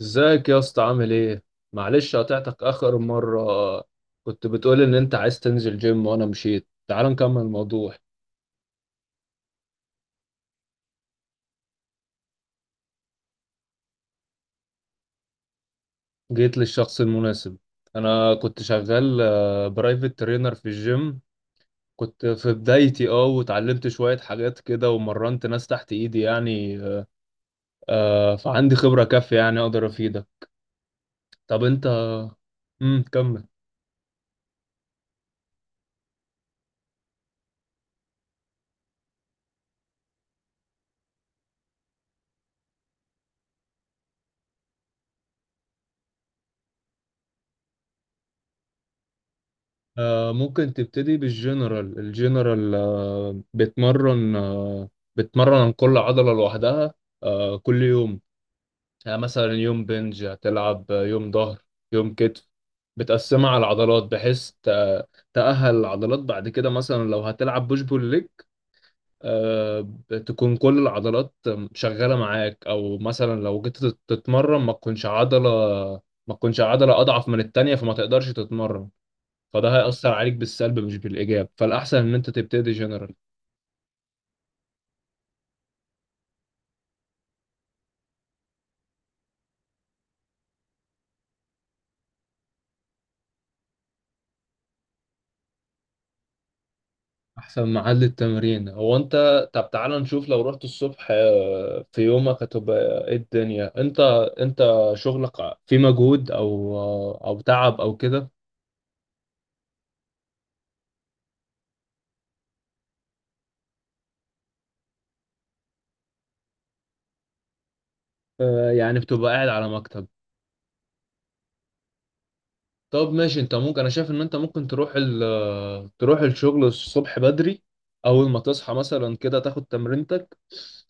ازيك يا اسطى، عامل ايه؟ معلش قطعتك اخر مره. كنت بتقول ان انت عايز تنزل جيم وانا مشيت، تعال نكمل الموضوع. جيت للشخص المناسب. انا كنت شغال برايفت ترينر في الجيم. كنت في بدايتي، وتعلمت شويه حاجات كده ومرنت ناس تحت ايدي يعني. فعندي خبره كافيه يعني اقدر افيدك. طب انت، كمل. ممكن تبتدي بالجنرال. الجنرال آه، بتمرن عن كل عضلة لوحدها، كل يوم. يعني مثلا يوم بنج هتلعب، يوم ظهر، يوم كتف. بتقسمها على العضلات بحيث تأهل العضلات. بعد كده، مثلا لو هتلعب بوش بول ليج، آه، تكون كل العضلات شغالة معاك. أو مثلا لو جيت تتمرن، ما تكونش عضلة أضعف من التانية فما تقدرش تتمرن. فده هيأثر عليك بالسلب مش بالإيجاب، فالأحسن إن أنت تبتدي جنرال. أحسن محل التمرين هو أنت. طب تعال نشوف، لو رحت الصبح، في يومك هتبقى إيه الدنيا؟ أنت شغلك في مجهود أو، أو تعب أو كده؟ يعني بتبقى قاعد على مكتب. طب ماشي، انت ممكن، انا شايف ان انت ممكن تروح الشغل الصبح بدري. اول ما تصحى مثلا كده تاخد تمرينتك.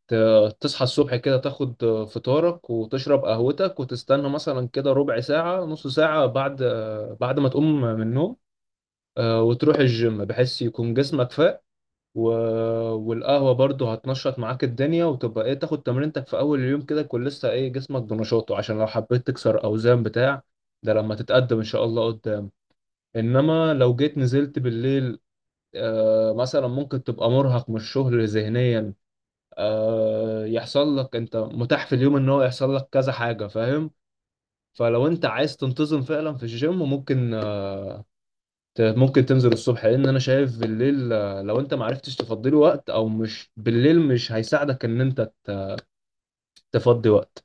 تصحى الصبح كده تاخد فطارك وتشرب قهوتك وتستنى مثلا كده ربع ساعة نص ساعة بعد بعد ما تقوم من النوم. وتروح الجيم بحيث يكون جسمك فاق و... والقهوة برضو هتنشط معاك الدنيا، وتبقى ايه، تاخد تمرينتك في اول اليوم كده، يكون لسه ايه جسمك بنشاطه، عشان لو حبيت تكسر اوزان بتاع، ده لما تتقدم ان شاء الله قدام. انما لو جيت نزلت بالليل، مثلا ممكن تبقى مرهق من الشغل ذهنيا، يحصل لك انت متاح في اليوم ان هو يحصل لك كذا حاجة، فاهم؟ فلو انت عايز تنتظم فعلا في الجيم، ممكن ممكن تنزل الصبح، لان انا شايف بالليل، لو انت معرفتش تفضي له وقت، او مش بالليل مش هيساعدك ان انت تفضي وقت.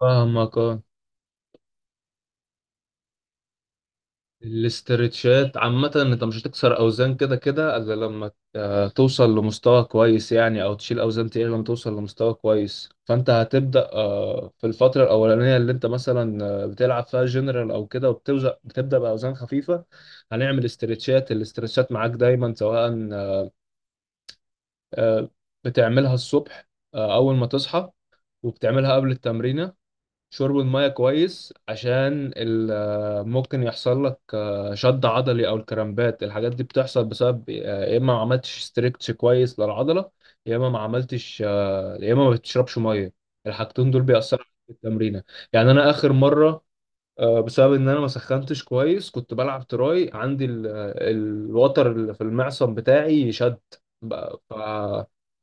فاهمك. الاسترتشات عامة، انت مش هتكسر اوزان كده كده الا لما توصل لمستوى كويس يعني، او تشيل اوزان تقيلة لما توصل لمستوى كويس. فانت هتبدأ في الفترة الاولانية اللي انت مثلا بتلعب فيها جنرال او كده، وبتبدأ باوزان خفيفة. هنعمل استرتشات، الاسترتشات معاك دايما، سواء آه، بتعملها الصبح اول ما تصحى، وبتعملها قبل التمرين. شرب المية كويس، عشان ممكن يحصل لك شد عضلي أو الكرامبات. الحاجات دي بتحصل بسبب، يا إما ما عملتش ستريتش كويس للعضلة، يا إما ما بتشربش مية. الحاجتين دول بيأثروا عليك في التمرينة. يعني أنا آخر مرة، بسبب ان انا ما سخنتش كويس، كنت بلعب تراي، عندي الوتر اللي في المعصم بتاعي شد. بقى- ف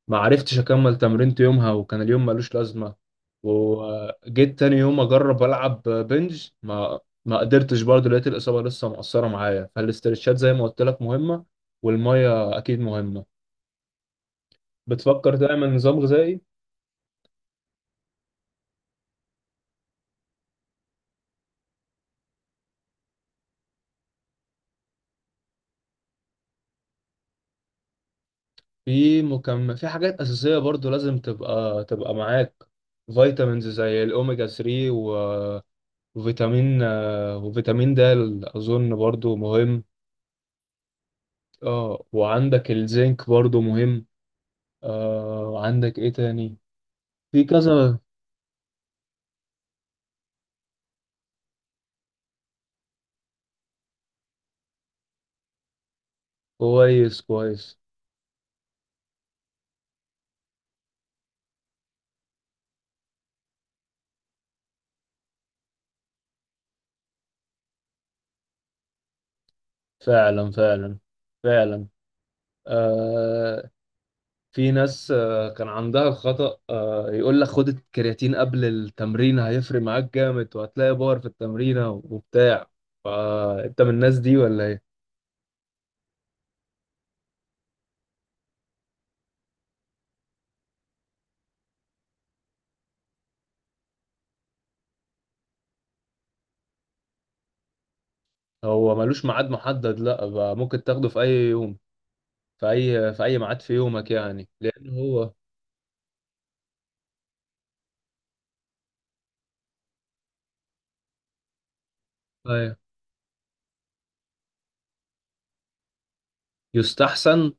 ما عرفتش اكمل تمرينت يومها وكان اليوم ملوش لازمه. وجيت تاني يوم اجرب العب بنج، ما قدرتش برضه، لقيت الاصابه لسه مقصره معايا. فالاسترتشات زي ما قلت لك مهمه، والميه اكيد مهمه. بتفكر تعمل نظام غذائي؟ في مكمل، في حاجات أساسية برضو لازم تبقى معاك. فيتامينز زي الأوميجا 3 وفيتامين د، أظن برضو مهم. اه وعندك الزنك برضو مهم. وعندك إيه تاني؟ في كذا. كويس كويس. فعلا فعلا. فعلا. آه. في ناس كان عندها الخطأ، يقول لك خد الكرياتين قبل التمرين هيفرق معاك جامد، وهتلاقي باور في التمرينة وبتاع. فانت من الناس دي ولا ايه؟ هو ملوش ميعاد محدد، لا، بقى ممكن تاخده في اي يوم، في اي ميعاد في يومك يعني، لان هو. أيوة. يستحسن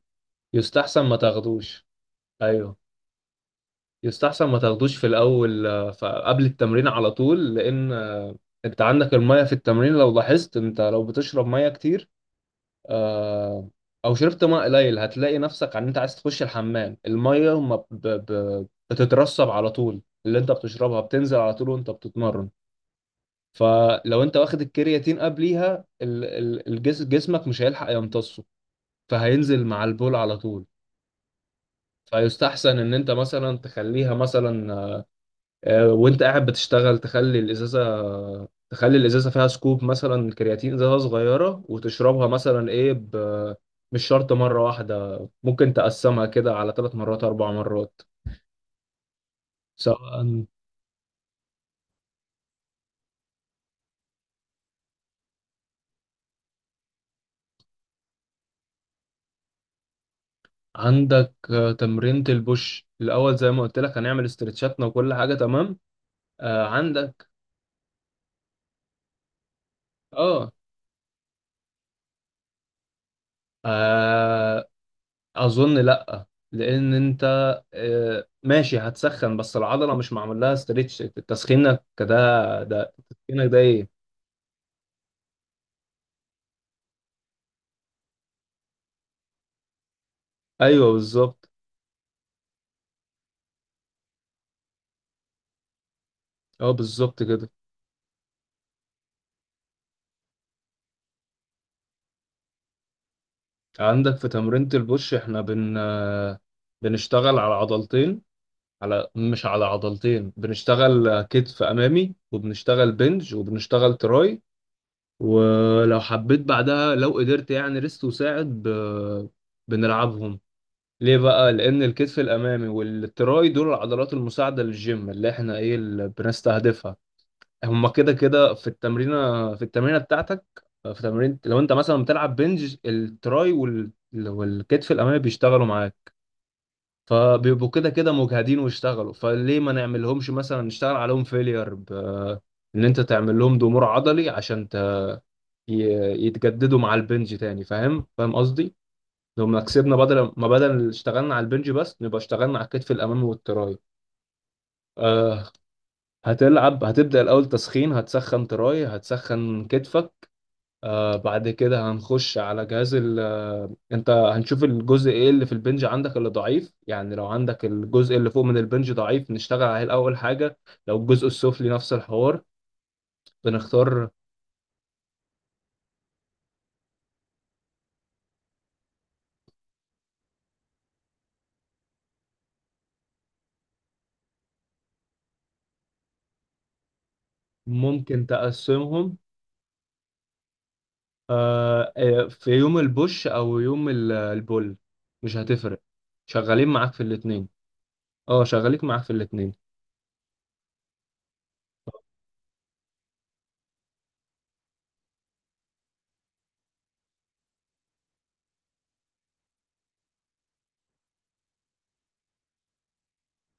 يستحسن ما تاخدوش. ايوه، يستحسن ما تاخدوش في الاول، قبل التمرين على طول، لان انت عندك المية في التمرين. لو لاحظت، انت لو بتشرب مية كتير آه، او شربت ماء قليل، هتلاقي نفسك ان انت عايز تخش الحمام. الميه ما بتترسب على طول، اللي انت بتشربها بتنزل على طول وانت بتتمرن. فلو انت واخد الكرياتين قبليها، جسمك مش هيلحق يمتصه، فهينزل مع البول على طول. فيستحسن ان انت مثلا تخليها مثلا وانت قاعد بتشتغل، تخلي الازازه، فيها سكوب مثلا كرياتين، ازازه صغيره وتشربها مثلا ايه، مش شرط مره واحده، ممكن تقسمها كده على ثلاث مرات اربع مرات. سواء عندك تمرينة البوش الاول زي ما قلت لك، هنعمل استرتشاتنا وكل حاجه تمام. عندك. اه, آه اظن لا، لان انت ماشي هتسخن، بس العضله مش معمول لها ستريتش. تسخينك ده، تسخينك ده ايه. ايوه بالظبط. اه بالظبط كده. عندك في تمرينة البوش احنا بن آه، بنشتغل على عضلتين، على مش على عضلتين، بنشتغل كتف امامي، وبنشتغل بنج، وبنشتغل تراي. ولو حبيت بعدها، لو قدرت يعني، ريست وساعد بنلعبهم. ليه بقى؟ لان الكتف الامامي والتراي دول العضلات المساعده للجيم اللي احنا ايه، اللي بنستهدفها. هما كده كده في التمرينه، بتاعتك. في تمرين، لو انت مثلا بتلعب بنج، التراي والكتف الامامي بيشتغلوا معاك، فبيبقوا كده كده مجهدين واشتغلوا. فليه ما نعملهمش مثلا، نشتغل عليهم فيلير ان انت تعمل لهم ضمور عضلي عشان ي... يتجددوا مع البنج تاني، فاهم فاهم قصدي؟ لو ما كسبنا، بدل ما بدل اللي اشتغلنا على البنج بس، نبقى اشتغلنا على الكتف الامامي والتراي. آه. هتبدأ الاول تسخين، هتسخن تراي، هتسخن كتفك. آه، بعد كده هنخش على جهاز ال آه، انت هنشوف الجزء ايه اللي في البنج عندك اللي ضعيف يعني. لو عندك الجزء اللي فوق من البنج ضعيف، نشتغل عليه الاول حاجة. لو الجزء السفلي، نفس الحوار. بنختار. ممكن تقسمهم، في يوم البوش او يوم البول، مش هتفرق، شغالين معاك في الاتنين. اه، شغالين معاك في الاتنين.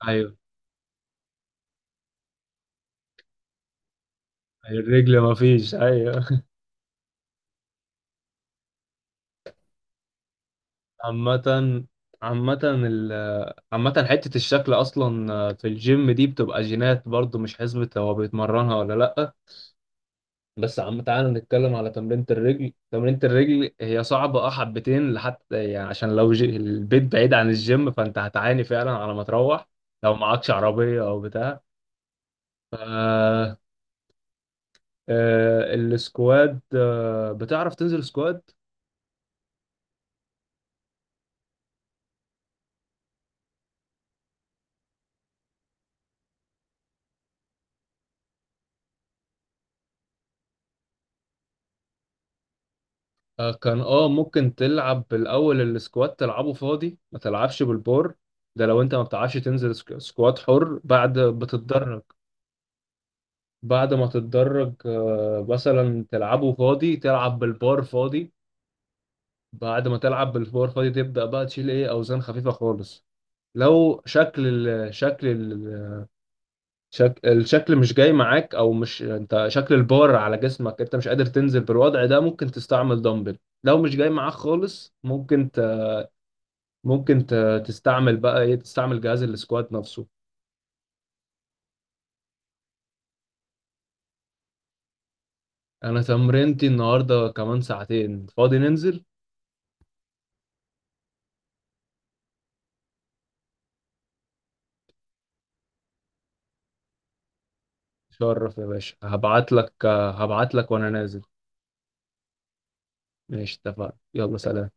ايوه. أيوة، الرجل مفيش. ايوه. عامة. عامة ال عامة حتة الشكل أصلا في الجيم دي بتبقى جينات برضو، مش حسبة هو بيتمرنها ولا لأ. بس عم، تعالى نتكلم على تمرينة الرجل. هي صعبة اه، حبتين لحتى يعني، عشان لو البيت بعيد عن الجيم، فأنت هتعاني فعلا على ما تروح، لو معكش عربية أو بتاع. آه، السكواد، بتعرف تنزل سكواد؟ كان اه، ممكن تلعب بالاول السكواد تلعبه فاضي ما تلعبش بالبور. ده لو انت ما بتعرفش تنزل سكواد حر. بعد بتتدرج، بعد ما تتدرج مثلا تلعبه فاضي، تلعب بالبار فاضي. بعد ما تلعب بالبار فاضي، تبدأ بقى تشيل ايه، اوزان خفيفة خالص. لو شكل الشكل مش جاي معاك، او مش انت شكل البار على جسمك، انت مش قادر تنزل بالوضع ده، ممكن تستعمل دمبل. لو مش جاي معاك خالص، ممكن ممكن ت... تستعمل بقى ايه، تستعمل جهاز السكوات نفسه. انا تمرينتي النهارده كمان ساعتين، فاضي ننزل. شرف يا باشا، هبعت لك وانا نازل. ماشي اتفقنا، يلا سلام.